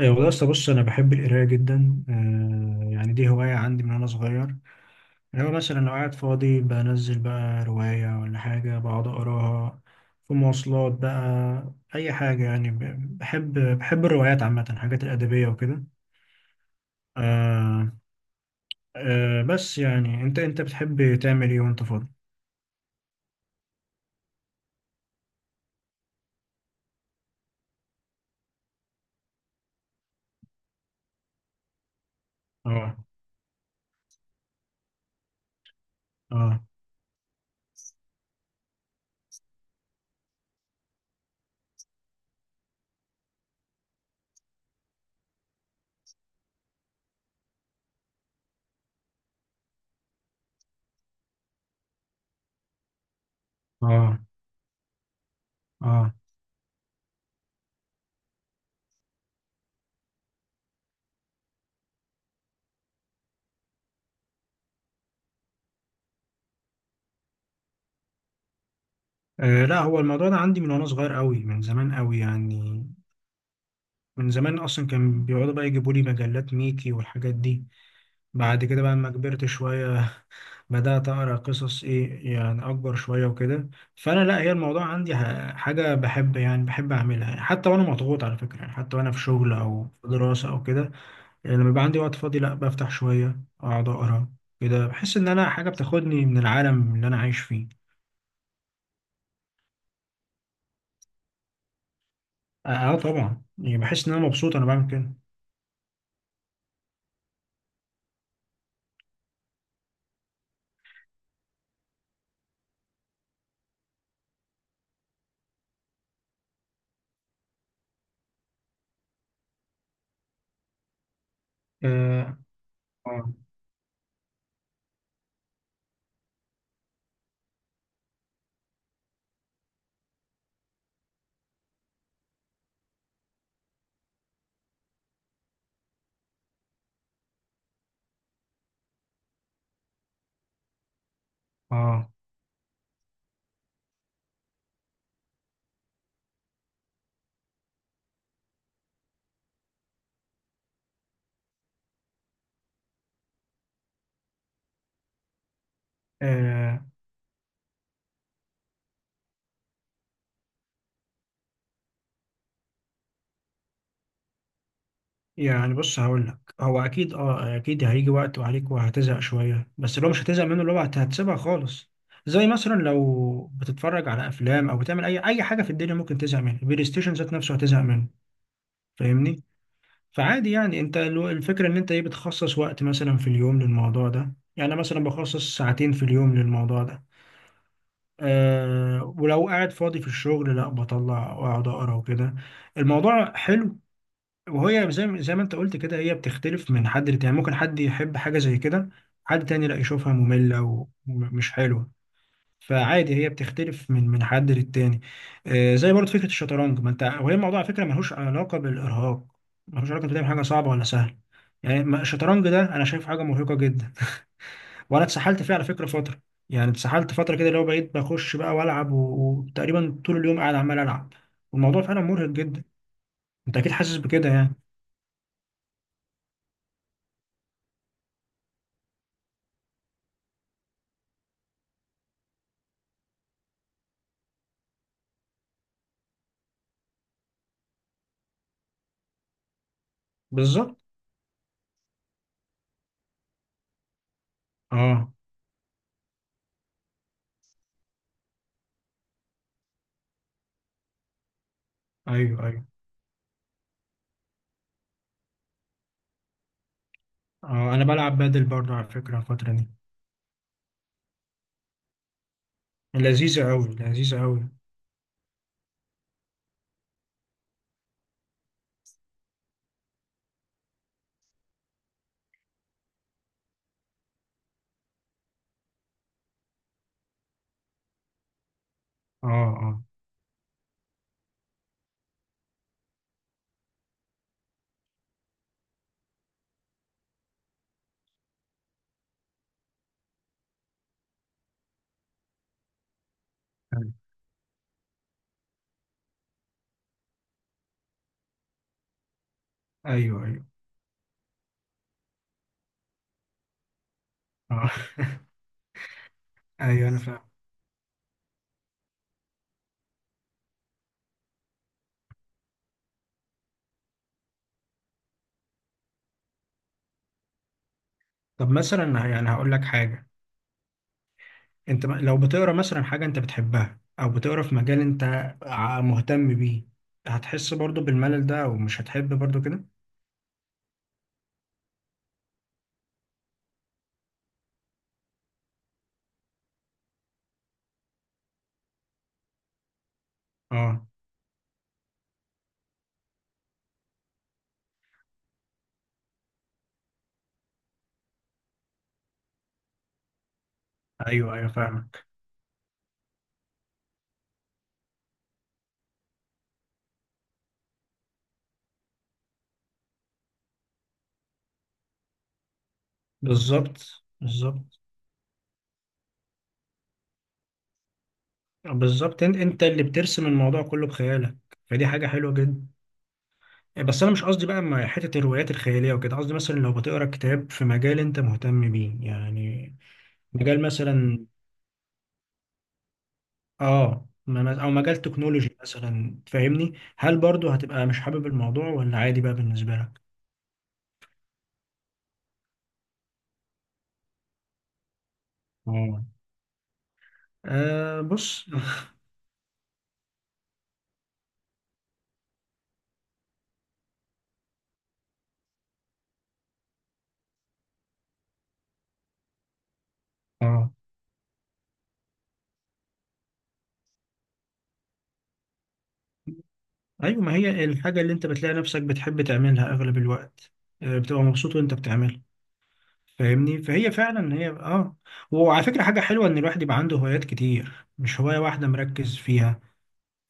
إيه والله أصل بص أنا بحب القراية جدا يعني دي هواية عندي من وأنا صغير. أنا مثلا لو قاعد فاضي بنزل بقى رواية ولا حاجة بقعد أقراها في مواصلات بقى أي حاجة، يعني بحب الروايات عامة، الحاجات الأدبية وكده. آه. آه. بس يعني أنت بتحب تعمل إيه وأنت فاضي؟ آه. آه. آه. آه. آه، لا هو الموضوع ده عندي من وأنا صغير قوي، من زمان قوي يعني. من زمان اصلا كان بيقعدوا بقى يجيبوا لي مجلات ميكي والحاجات دي. بعد كده بقى لما كبرت شوية بدأت أقرأ قصص إيه، يعني أكبر شوية وكده. فأنا لا، هي الموضوع عندي حاجة بحب، يعني بحب أعملها، يعني حتى وأنا مضغوط على فكرة، يعني حتى وأنا في شغل أو في دراسة أو كده. يعني لما يبقى عندي وقت فاضي لا بفتح شوية أقعد أقرأ، كده بحس إن أنا حاجة بتاخدني من العالم اللي أنا عايش فيه. أه. آه. طبعا، يعني بحس إن أنا مبسوط أنا بعمل كده. آه. آه. آه. آه. يعني بص، هقول لك هو اكيد اكيد هيجي وقت وعليك وهتزهق شويه، بس لو مش هتزهق منه اللي هو هتسيبها خالص. زي مثلا لو بتتفرج على افلام او بتعمل اي حاجه في الدنيا ممكن تزهق منها، البلاي ستيشن ذات نفسه هتزهق منه، فاهمني؟ فعادي يعني انت الفكره ان انت ايه بتخصص وقت مثلا في اليوم للموضوع ده، يعني أنا مثلا بخصص ساعتين في اليوم للموضوع ده. أه، ولو قاعد فاضي في الشغل لا بطلع واقعد اقرا وكده، الموضوع حلو. وهي زي ما انت قلت كده هي بتختلف من حد لتاني، يعني ممكن حد يحب حاجة زي كده، حد تاني لا يشوفها مملة ومش حلوة، فعادي هي بتختلف من حد للتاني. آه، زي برضه فكرة الشطرنج، ما انت وهي الموضوع على فكرة ملهوش علاقة بالإرهاق، ملهوش علاقة بتعمل حاجة صعبة ولا سهلة، يعني الشطرنج ده انا شايف حاجة مرهقة جدا. وانا اتسحلت فيه على فكرة فترة، يعني اتسحلت فترة كده اللي هو بقيت بخش بقى والعب وتقريبا طول اليوم قاعد عمال العب، والموضوع فعلا مرهق جدا، انت اكيد حاسس بكده يعني. بالظبط. اه. ايوه. ايوه. اه انا بلعب بادل برضو على فكره الفتره دي، لذيذه قوي، لذيذه قوي. اه. اه. ايوه. ايوه. اه. ايوه انا فاهم. طب مثلا يعني هقول لك حاجه، انت لو بتقرا مثلا حاجه انت بتحبها او بتقرا في مجال انت مهتم بيه، هتحس برضو بالملل ده او مش هتحب برضو كده؟ اه. ايوه، ايوه، فاهمك. بالظبط. بالظبط. بالظبط، انت اللي بترسم الموضوع كله بخيالك، فدي حاجه حلوه جدا. بس انا مش قصدي بقى مع حته الروايات الخياليه وكده، قصدي مثلا لو بتقرا كتاب في مجال انت مهتم بيه يعني، مجال مثلا. اه او مجال تكنولوجي مثلا، تفهمني؟ هل برضو هتبقى مش حابب الموضوع، ولا عادي بقى بالنسبه لك؟ اه. آه، بص. اه. ايوه، ما هي الحاجه اللي انت بتلاقي نفسك بتحب تعملها اغلب الوقت، آه، بتبقى مبسوط وانت بتعملها، فاهمني؟ فهي فعلا هي وعلى فكره حاجه حلوه ان الواحد يبقى عنده هوايات كتير مش هوايه واحده مركز فيها.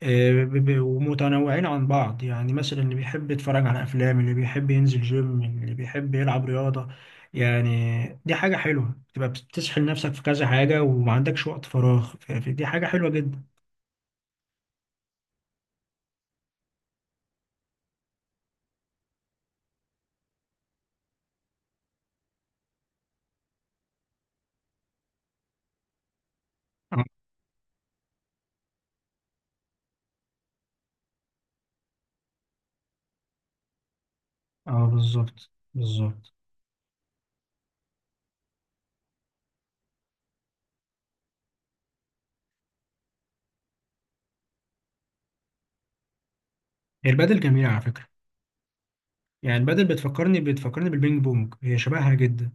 آه، ومتنوعين عن بعض، يعني مثلا اللي بيحب يتفرج على أفلام، اللي بيحب ينزل جيم، اللي بيحب يلعب رياضة، يعني دي حاجة حلوة تبقى بتسحل نفسك في كذا حاجة وما عندكش وقت فراغ، دي حاجة حلوة جدا. اه. آه، بالظبط، بالظبط. هي البادل جميلة على فكرة، يعني البادل بتفكرني بالبينج بونج، هي شبهها جدا.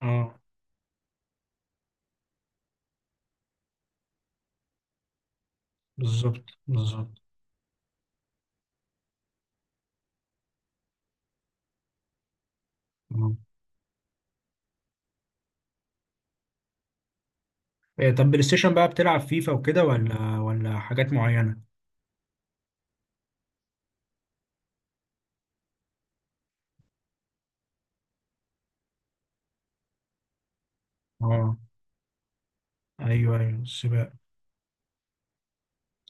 اه. بالظبط، بالظبط. آه. إيه، طب بلاي ستيشن بقى بتلعب فيفا وكده ولا حاجات معينة؟ اه. ايوه، ايوه، السباق.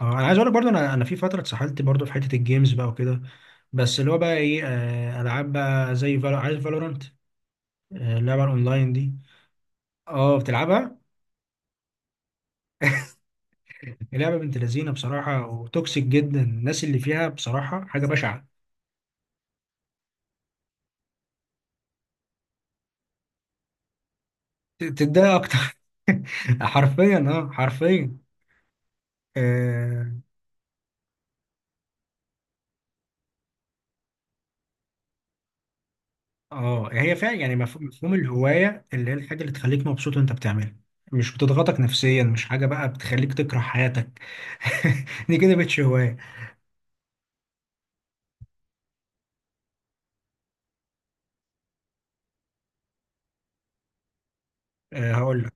اه انا عايز اقول لك برضو، انا في فتره اتسحلت برضو في حته الجيمز بقى وكده، بس اللي هو بقى ايه آه، العاب بقى زي فالو، عارف فالورانت؟ آه، اللعبه الاونلاين دي. اه، بتلعبها؟ اللعبه بنت لذينه بصراحه وتوكسيك جدا، الناس اللي فيها بصراحه حاجه بشعه. تتضايق اكتر. حرفيا حرفيا. اه. آه، هي فعلا يعني مفهوم الهوايه اللي هي الحاجه اللي تخليك مبسوط وانت بتعملها، مش بتضغطك نفسيا، مش حاجه بقى بتخليك تكره حياتك. دي كده مش هوايه. آه، هقول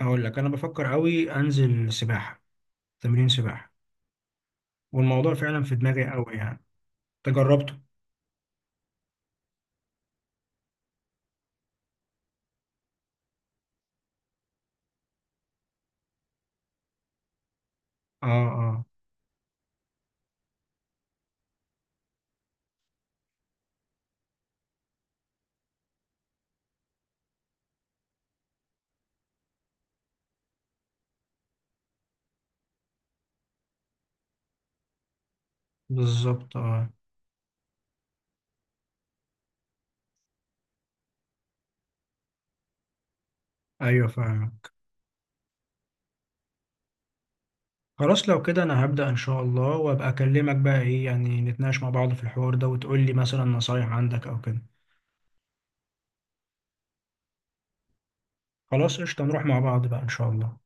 هقول لك، انا بفكر قوي انزل سباحه، تمرين سباحه، والموضوع فعلا في دماغي قوي يعني، تجربته. اه. اه. بالظبط. اه. ايوه، فعلا. خلاص لو كده انا هبدا ان شاء الله، وابقى اكلمك بقى ايه يعني نتناقش مع بعض في الحوار ده وتقول لي مثلا نصايح عندك او كده. خلاص قشطه، نروح مع بعض بقى ان شاء الله.